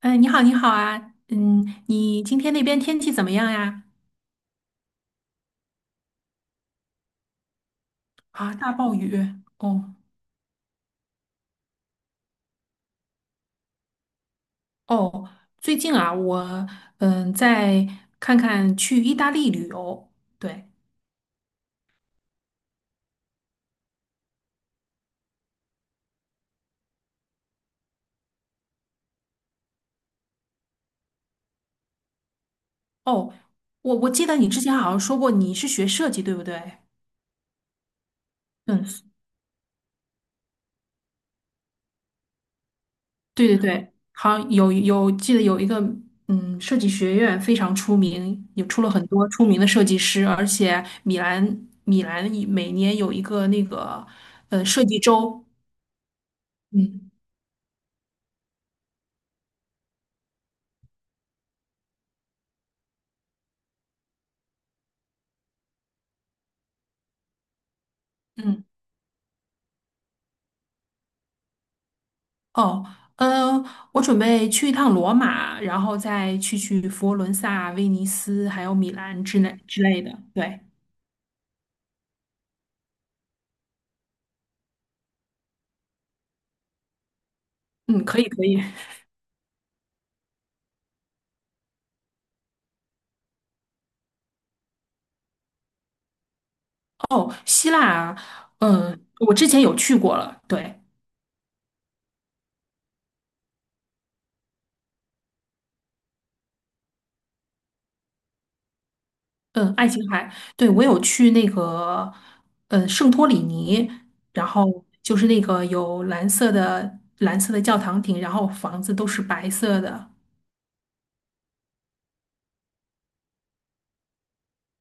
嗯，你好，你好啊，你今天那边天气怎么样呀？啊，大暴雨。哦哦，最近啊，我在看看去意大利旅游，对。哦，我记得你之前好像说过你是学设计，对不对？嗯，对对对，好像有记得有一个设计学院非常出名，也出了很多出名的设计师，而且米兰每年有一个那个设计周。嗯。嗯哦，呃，我准备去一趟罗马，然后再去佛罗伦萨、威尼斯，还有米兰之类的。对，嗯，可以可以。哦，希腊啊我之前有去过了。对，嗯，爱琴海，对，我有去那个，圣托里尼，然后就是那个有蓝色的教堂顶，然后房子都是白色的。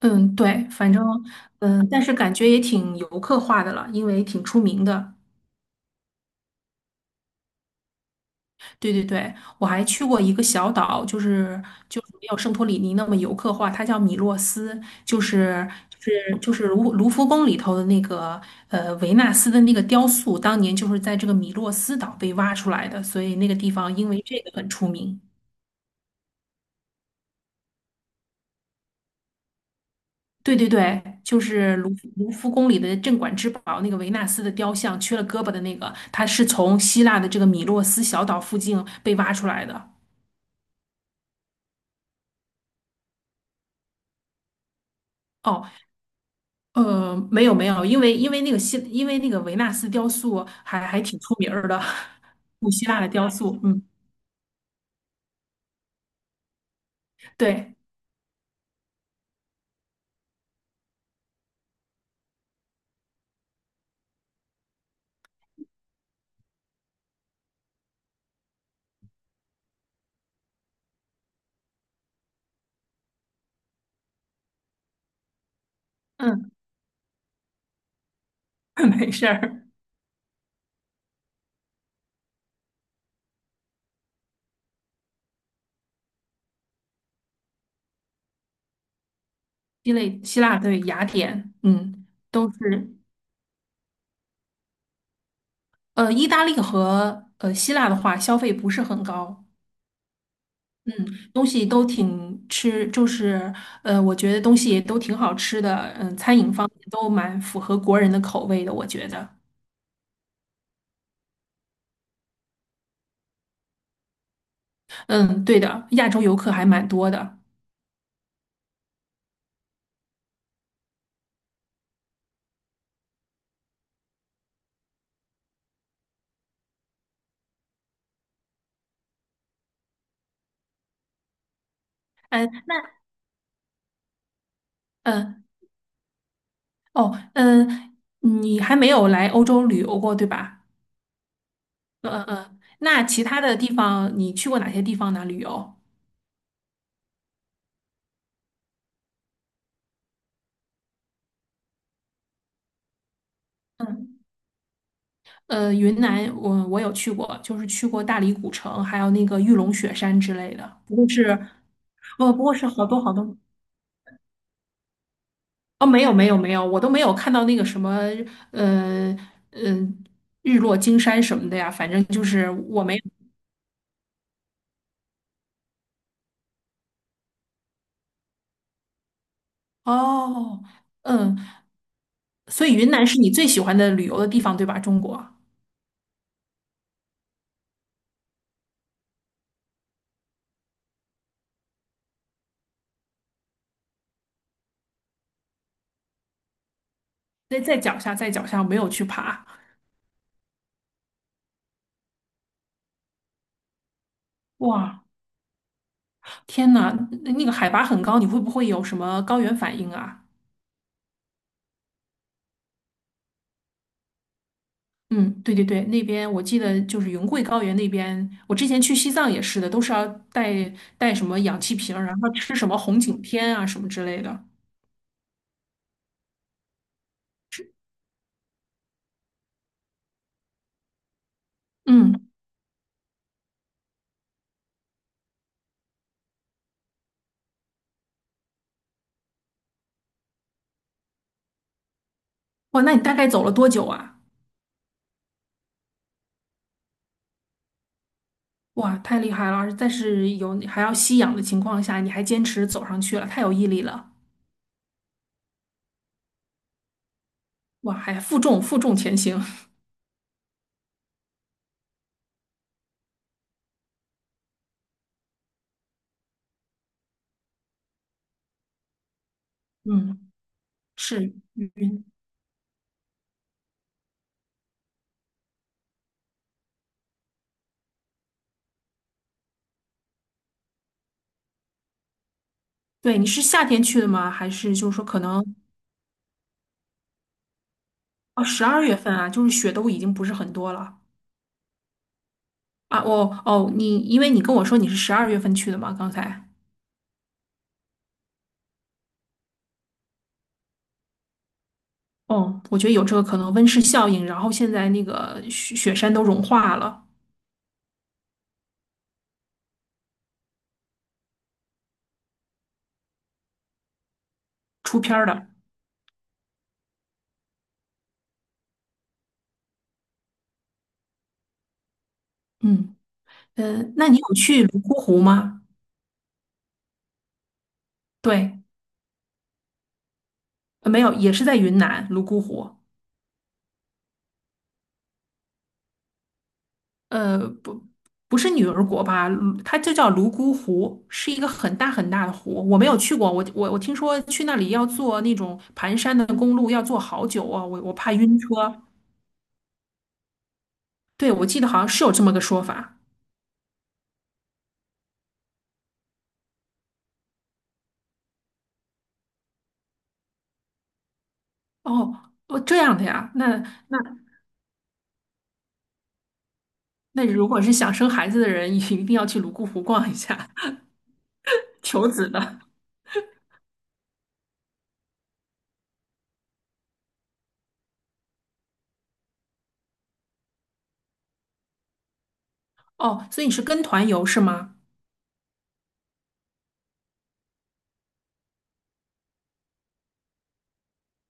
嗯，对，反正但是感觉也挺游客化的了，因为挺出名的。对对对，我还去过一个小岛，就是没有圣托里尼那么游客化，它叫米洛斯，就是卢浮宫里头的那个维纳斯的那个雕塑，当年就是在这个米洛斯岛被挖出来的，所以那个地方因为这个很出名。对对对，就是卢浮宫里的镇馆之宝那个维纳斯的雕像，缺了胳膊的那个，它是从希腊的这个米洛斯小岛附近被挖出来的。哦，没有没有，因为那个因为那个维纳斯雕塑还挺出名儿的，古希腊的雕塑。嗯，对，嗯，没事儿。希腊希腊对雅典，嗯，都是。意大利和希腊的话，消费不是很高。嗯，东西都挺吃，就是我觉得东西也都挺好吃的。嗯，餐饮方面都蛮符合国人的口味的，我觉得。嗯，对的，亚洲游客还蛮多的。嗯，那嗯，呃哦，你还没有来欧洲旅游过，对吧？嗯嗯嗯。那其他的地方你去过哪些地方呢？旅游？嗯，云南我有去过，就是去过大理古城，还有那个玉龙雪山之类的。哦，不过是好多好多。哦，没有没有没有，我都没有看到那个什么，呃嗯、日落金山什么的呀。反正就是我没有哦。嗯，所以云南是你最喜欢的旅游的地方，对吧？中国。在脚下，在脚下，我没有去爬。哇，天呐，那那个海拔很高，你会不会有什么高原反应啊？嗯，对对对，那边我记得就是云贵高原那边，我之前去西藏也是的，都是要带什么氧气瓶儿，然后吃什么红景天啊什么之类的。嗯，哇，那你大概走了多久啊？哇，太厉害了！但是有还要吸氧的情况下，你还坚持走上去了，太有毅力了。哇，还负重负重前行。嗯，是晕。对，你是夏天去的吗？还是就是说可能？哦，十二月份啊，就是雪都已经不是很多了啊。哦哦，你因为你跟我说你是十二月份去的嘛，刚才。哦，我觉得有这个可能，温室效应，然后现在那个雪山都融化了，出片儿了。嗯那你有去泸沽湖吗？对，没有，也是在云南泸沽湖。呃，不，不是女儿国吧？它就叫泸沽湖，是一个很大很大的湖。我没有去过，我听说去那里要坐那种盘山的公路，要坐好久啊，我怕晕车。对，我记得好像是有这么个说法。哦，哦，这样的呀，那那,如果是想生孩子的人，一定要去泸沽湖逛一下。求子的。哦，所以你是跟团游是吗？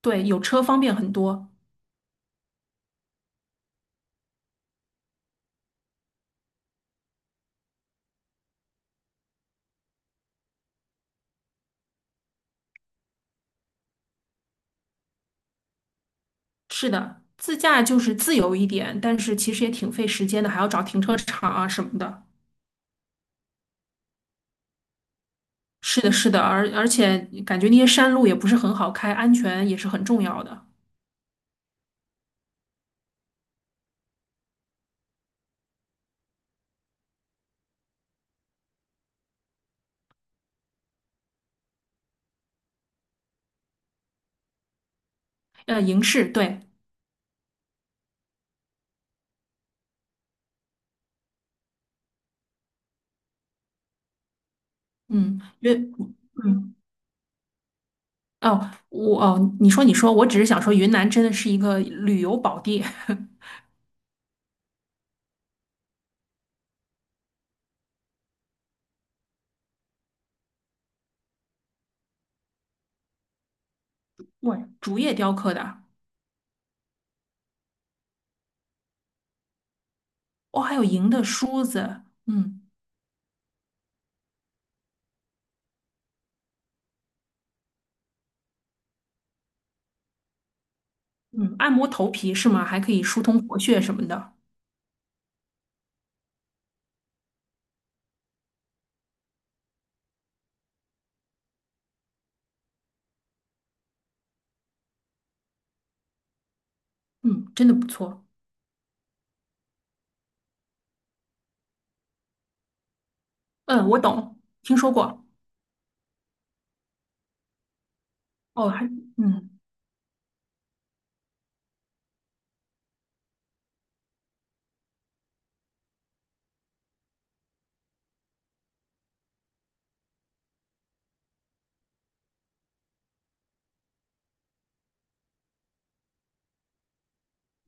对，有车方便很多。是的，自驾就是自由一点，但是其实也挺费时间的，还要找停车场啊什么的。是的，是的，而且感觉那些山路也不是很好开，安全也是很重要的。营市，对，嗯，因为。哦，你说你说，我只是想说，云南真的是一个旅游宝地。哇，竹叶雕刻的。哦，还有银的梳子。嗯嗯，按摩头皮是吗？还可以疏通活血什么的。嗯，真的不错。嗯，我懂，听说过。哦，嗯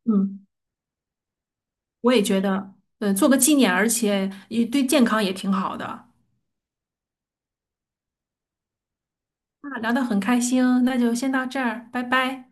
嗯，我也觉得，做个纪念，而且也对健康也挺好的。那聊得很开心，那就先到这儿，拜拜。